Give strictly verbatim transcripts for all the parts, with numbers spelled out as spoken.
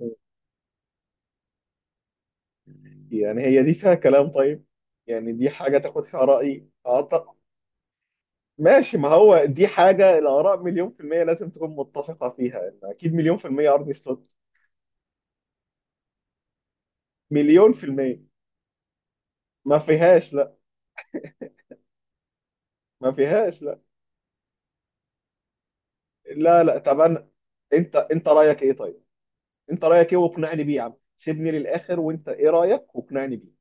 يعني يعني هي دي فيها كلام طيب. يعني دي حاجة تاخد فيها رأي. آه طب ماشي، ما هو دي حاجة الآراء مليون في المية لازم تكون متفقة فيها. يعني أكيد مليون في المية أرني سلوت. مليون في المية. ما فيهاش لا. ما فيهاش. لا لا لا. طب أنا، أنت أنت رأيك إيه طيب؟ أنت رأيك إيه واقنعني بيه يا عم؟ سيبني للآخر وأنت إيه رأيك واقنعني بيه.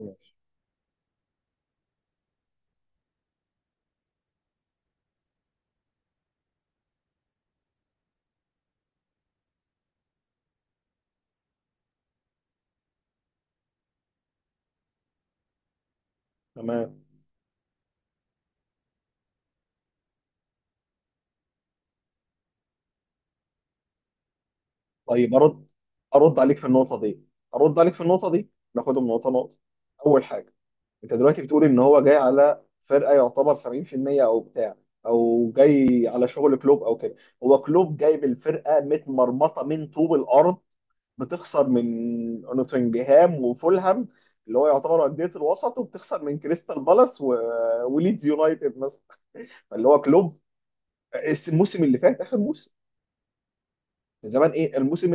ماشي. تمام. طيب أرد، أرد عليك في النقطة دي، أرد عليك في النقطة دي ناخدهم نقطة نقطة. أول حاجة، انت دلوقتي بتقول ان هو جاي على فرقه يعتبر سبعين في المية او بتاع، او جاي على شغل كلوب او كده. هو كلوب جايب الفرقه متمرمطه من طوب الارض، بتخسر من نوتنجهام وفولهام، اللي هو يعتبر انديه الوسط، وبتخسر من كريستال بالاس و... وليدز يونايتد مثلا، اللي هو كلوب. الس- الموسم اللي فات، اخر موسم. من زمان، ايه الموسم.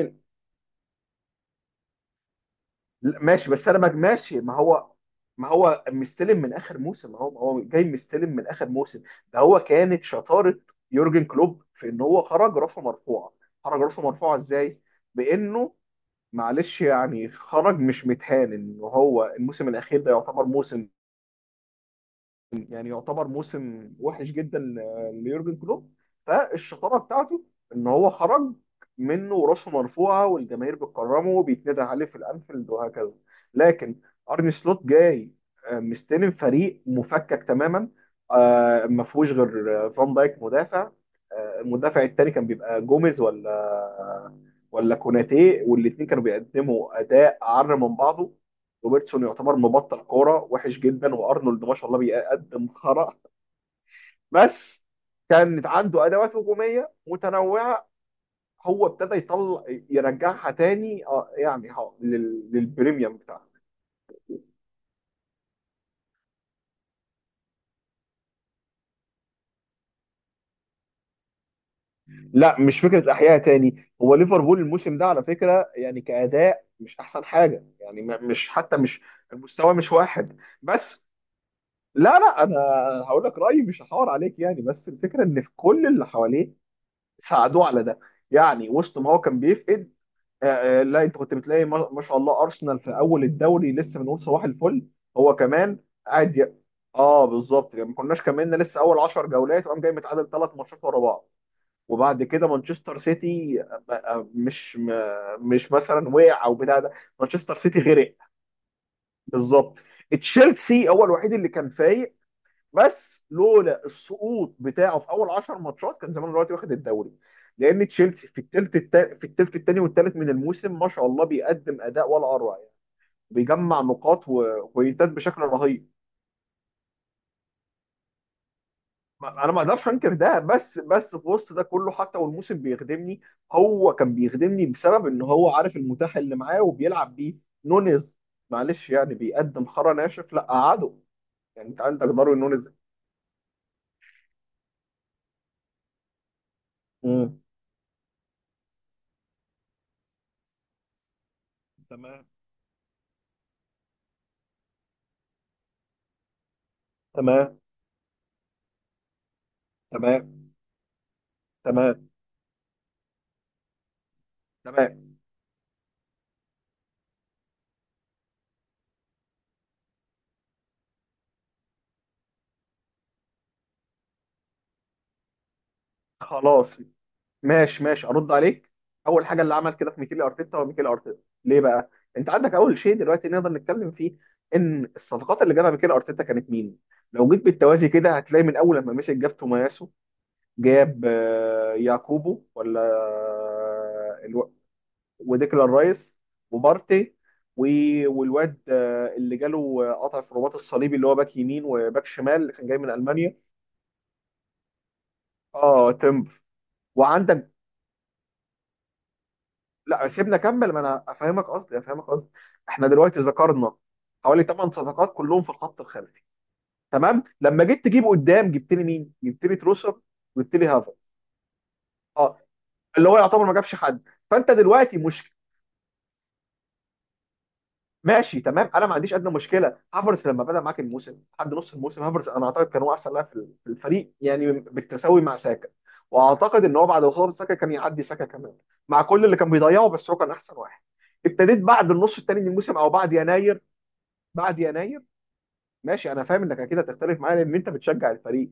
لا، ماشي بس انا ما- ماشي، ما هو ما هو مستلم من اخر موسم، ما هو ما هو جاي مستلم من اخر موسم. ده هو كانت شطاره يورجن كلوب في ان هو خرج راسه مرفوعه. خرج راسه مرفوعه ازاي؟ بانه معلش يعني خرج مش متهان ان هو الموسم الاخير ده يعتبر موسم، يعني يعتبر موسم وحش جدا ل- ليورجن كلوب. فالشطاره بتاعته ان هو خرج منه وراسه مرفوعه، والجماهير بتكرمه وبيتندى عليه في الانفيلد وهكذا. لكن ارني سلوت جاي، آه، مستلم فريق مفكك تماما. آه، ما فيهوش غير آه، فان دايك مدافع. آه، المدافع التاني كان بيبقى جوميز ولا آه، ولا كوناتي، والاثنين كانوا بيقدموا اداء عر من بعضه. روبرتسون يعتبر مبطل كوره وحش جدا، وارنولد ما شاء الله بيقدم خرا. بس كانت عنده ادوات هجوميه متنوعه. هو ابتدى يطلع يرجعها تاني، آه، يعني ه- لل- للبريميوم بتاعها. لا مش فكره احياء تاني. هو ليفربول الموسم ده على فكره يعني كاداء مش احسن حاجه، يعني م- مش حتى مش المستوى مش واحد. بس، لا لا، انا هقول لك رايي مش هحاور عليك يعني، بس الفكره ان في كل اللي حواليه ساعدوه على ده. يعني وسط ما هو كان بيفقد، آه، آه، لا، انت كنت بتلاقي ما ما شاء الله ارسنال في اول الدوري لسه بنقول صباح الفل. هو كمان قاعد ي... اه بالظبط، يعني ما كناش كملنا لسه اول 10 جولات وقام جاي متعادل ثلاث ماتشات ورا بعض. وبعد كده مانشستر سيتي، آه، آه، مش م- مش مثلا وقع او بتاع ده، مانشستر سيتي غرق. بالظبط. تشيلسي هو الوحيد اللي كان فايق، بس لولا السقوط بتاعه في اول 10 ماتشات كان زمان دلوقتي واخد الدوري. لان تشيلسي في الثلث التا... في الثلث الثاني والثالث من الموسم ما شاء الله بيقدم اداء ولا اروع يعني. بيجمع نقاط وبوينتات بشكل رهيب. ما- انا ما اقدرش انكر ده، بس بس في وسط ده كله حتى والموسم بيخدمني. هو كان بيخدمني بسبب ان هو عارف المتاح اللي معاه وبيلعب بيه. نونيز معلش يعني بيقدم خرا ناشف لا قعده. يعني انت عندك داروين نونيز. مم. تمام. تمام. تمام. تمام. تمام. خلاص. ماشي ماشي، ارد عليك. اول حاجه اللي عمل كده في ميكيل ارتيتا هو ميكيل ارتيتا. ليه بقى؟ انت عندك اول شيء دلوقتي نقدر نتكلم فيه، ان الصفقات اللي جابها ميكيل ارتيتا كانت مين. لو جيت بالتوازي كده هتلاقي من اول لما مسك جاب توماسو، جاب آه، ياكوبو، ولا آه، الو... وديكلان رايس، وبارتي، و... والواد آه، اللي جاله آه، قطع في الرباط الصليبي، اللي هو باك يمين وباك شمال، اللي كان جاي من المانيا. اه تمبر. وعندك، لا سيبنا اكمل ما انا افهمك قصدي، افهمك قصدي احنا دلوقتي ذكرنا حوالي 8 صفقات كلهم في الخط الخلفي. تمام. لما جيت تجيب قدام جبت لي مين؟ جبت لي تروسر، جبت لي هافرتز. اه، اللي هو يعتبر ما جابش حد. فانت دلوقتي مشكله. ماشي تمام، انا ما عنديش ادنى مشكله. هافرز لما بدا معاك الموسم لحد نص الموسم، هافرز انا اعتقد كان هو احسن لاعب في في الفريق يعني، بالتساوي مع ساكا. واعتقد ان هو بعد وصول ساكا كان يعدي ساكا كمان، مع كل اللي كان بيضيعه. بس هو كان احسن واحد. ابتديت بعد النص الثاني من الموسم او بعد يناير. بعد يناير. ماشي، انا فاهم انك اكيد هتختلف معايا لان انت بتشجع الفريق.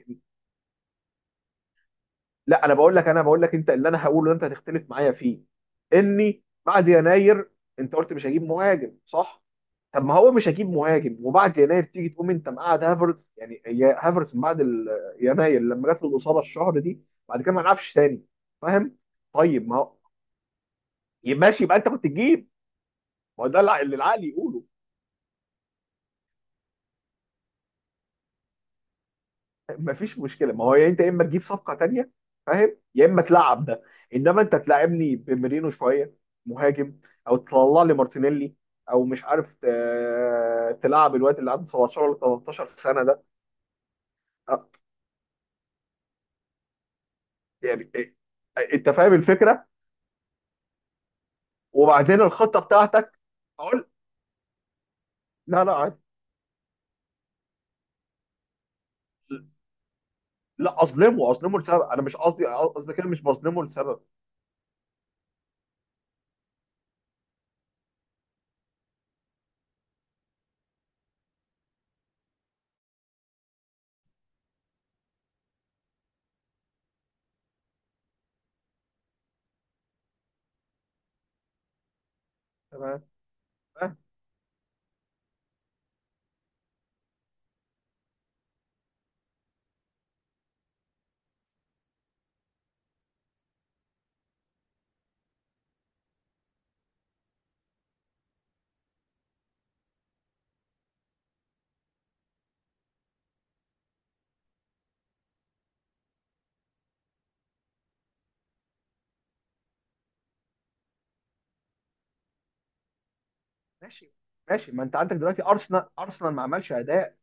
لا، انا بقول لك انا بقول لك انت اللي انا هقوله انت هتختلف معايا فيه، اني بعد يناير انت قلت مش هجيب مهاجم، صح؟ طب ما هو مش هجيب مهاجم وبعد يناير تيجي تقوم انت مقعد هافرتز، يعني هي هافرتز من بعد ال- يناير لما جات له الاصابه الشهر دي بعد كده ما لعبش تاني. فاهم؟ طيب ما هو ماشي، يبقى انت كنت تجيب. ما هو ده اللي العقل يقوله. مفيش مشكله، ما هو يا انت يا اما تجيب صفقه تانية، فاهم؟ يا اما تلعب ده. انما انت تلعبني بميرينو شويه مهاجم، او تطلع لي مارتينيلي، او مش عارف ت- تلعب الواد اللي عنده سبعة عشر سنة ولا 18 سنه ده. أه، يعني إيه؟ إيه، انت فاهم الفكره. وبعدين الخطه بتاعتك، اقول. لا لا عادي. لا اظلمه، اظلمه لسبب، انا مش قصدي قصدي كده، مش بظلمه لسبب. تمام. آه، ماشي ماشي، ما انت عندك دلوقتي ارسنال. ارسنال ما عملش اداء،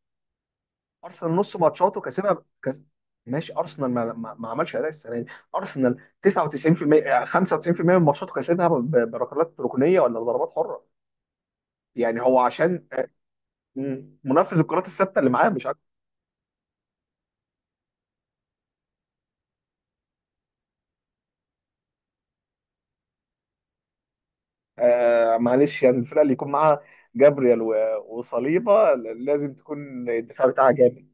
ارسنال نص ماتشاته كسبها كس... ماشي، ارسنال ما, ما, ما عملش اداء السنه دي. ارسنال تسعة وتسعين في المية خمسة وتسعين في المية من ماتشاته كسبها ب- بركلات ركنيه ولا ضربات حره. يعني هو عشان مم. منفذ الكرات الثابته اللي معاه، مش اكتر. آه معلش يعني الفرقه اللي يكون معاها جابريال و... وصليبه ل- لازم تكون الدفاع بتاعها جامد.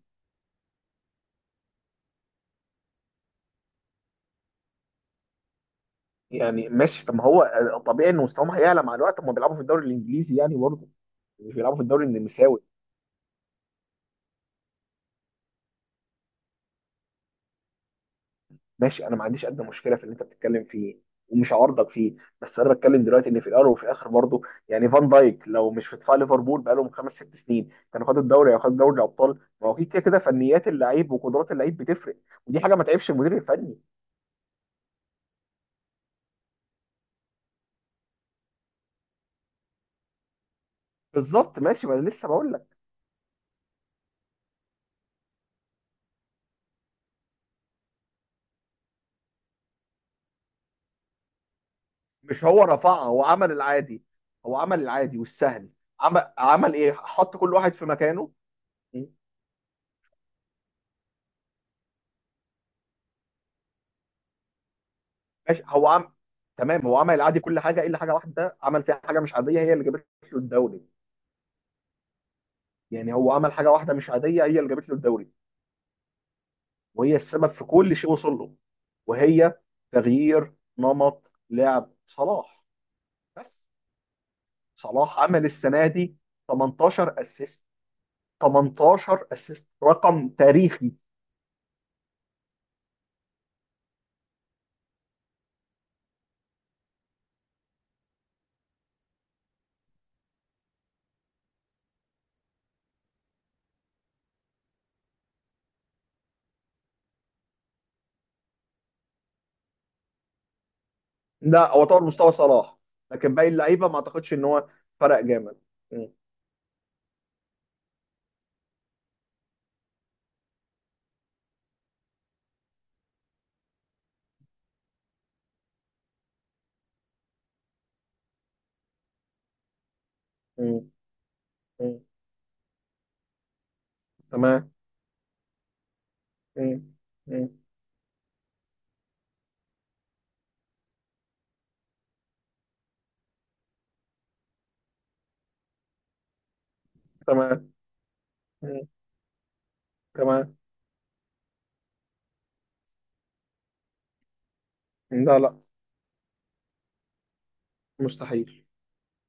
يعني ماشي، طب ما هو آه، طبيعي ان مستواهم هيعلى مع الوقت، هم بيلعبوا في الدوري الانجليزي يعني برضه، مش بيلعبوا في الدوري النمساوي. ماشي، انا ما عنديش ادنى مشكله في اللي انت بتتكلم فيه، ومش عارضك فيه، بس انا بتكلم دلوقتي ان في الاول وفي الاخر برضه يعني فان دايك لو مش في دفاع ليفربول بقالهم خمس ست سنين كان خد الدوري او خد دوري الابطال. ما هو أكيد كده كده فنيات اللعيب وقدرات اللعيب بتفرق، ودي حاجه ما تعيبش المدير الفني. بالظبط، ماشي، ما انا لسه بقول لك. مش هو رفعها، هو عمل العادي. هو عمل العادي والسهل. عمل عمل ايه؟ حط كل واحد في مكانه. م. ماشي هو عمل. تمام، هو عمل العادي كل حاجه، الا حاجه واحده عمل فيها حاجه مش عاديه هي اللي جابت له الدوري. يعني هو عمل حاجه واحده مش عاديه هي اللي جابت له الدوري، وهي السبب في كل شيء وصل له، وهي تغيير نمط لعب صلاح. بس. صلاح عمل السنه دي 18 اسيست. 18 اسيست رقم تاريخي. لا، هو طور مستوى صلاح، لكن باقي اللعيبه ما اعتقدش ان هو فرق جامد. م- م- م. تمام. م- م. تمام. م- تمام. لا لا. مستحيل.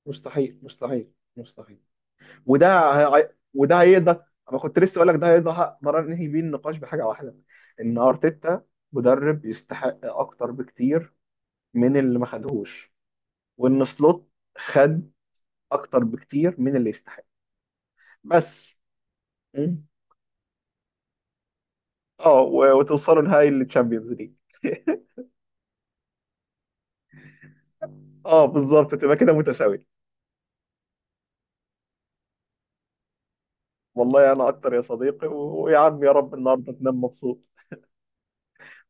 مستحيل مستحيل مستحيل. وده، هي... وده هيقدر. انا كنت لسه اقول لك ده هيقدر انهي بيه النقاش بحاجه واحده، ان ارتيتا مدرب يستحق اكتر بكتير من اللي ما خدهوش، وان سلوت خد اكتر بكتير من اللي يستحق. بس. م? اه، و- وتوصلوا نهائي التشامبيونز ليج. اه بالظبط، تبقى كده متساوي. والله انا اكتر يا صديقي، و- ويا عم يا رب النهارده تنام مبسوط.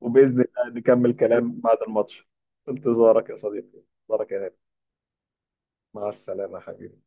وباذن الله نكمل كلام بعد الماتش. في انتظارك يا صديقي، انتظارك يا غالي. مع السلامه يا حبيبي.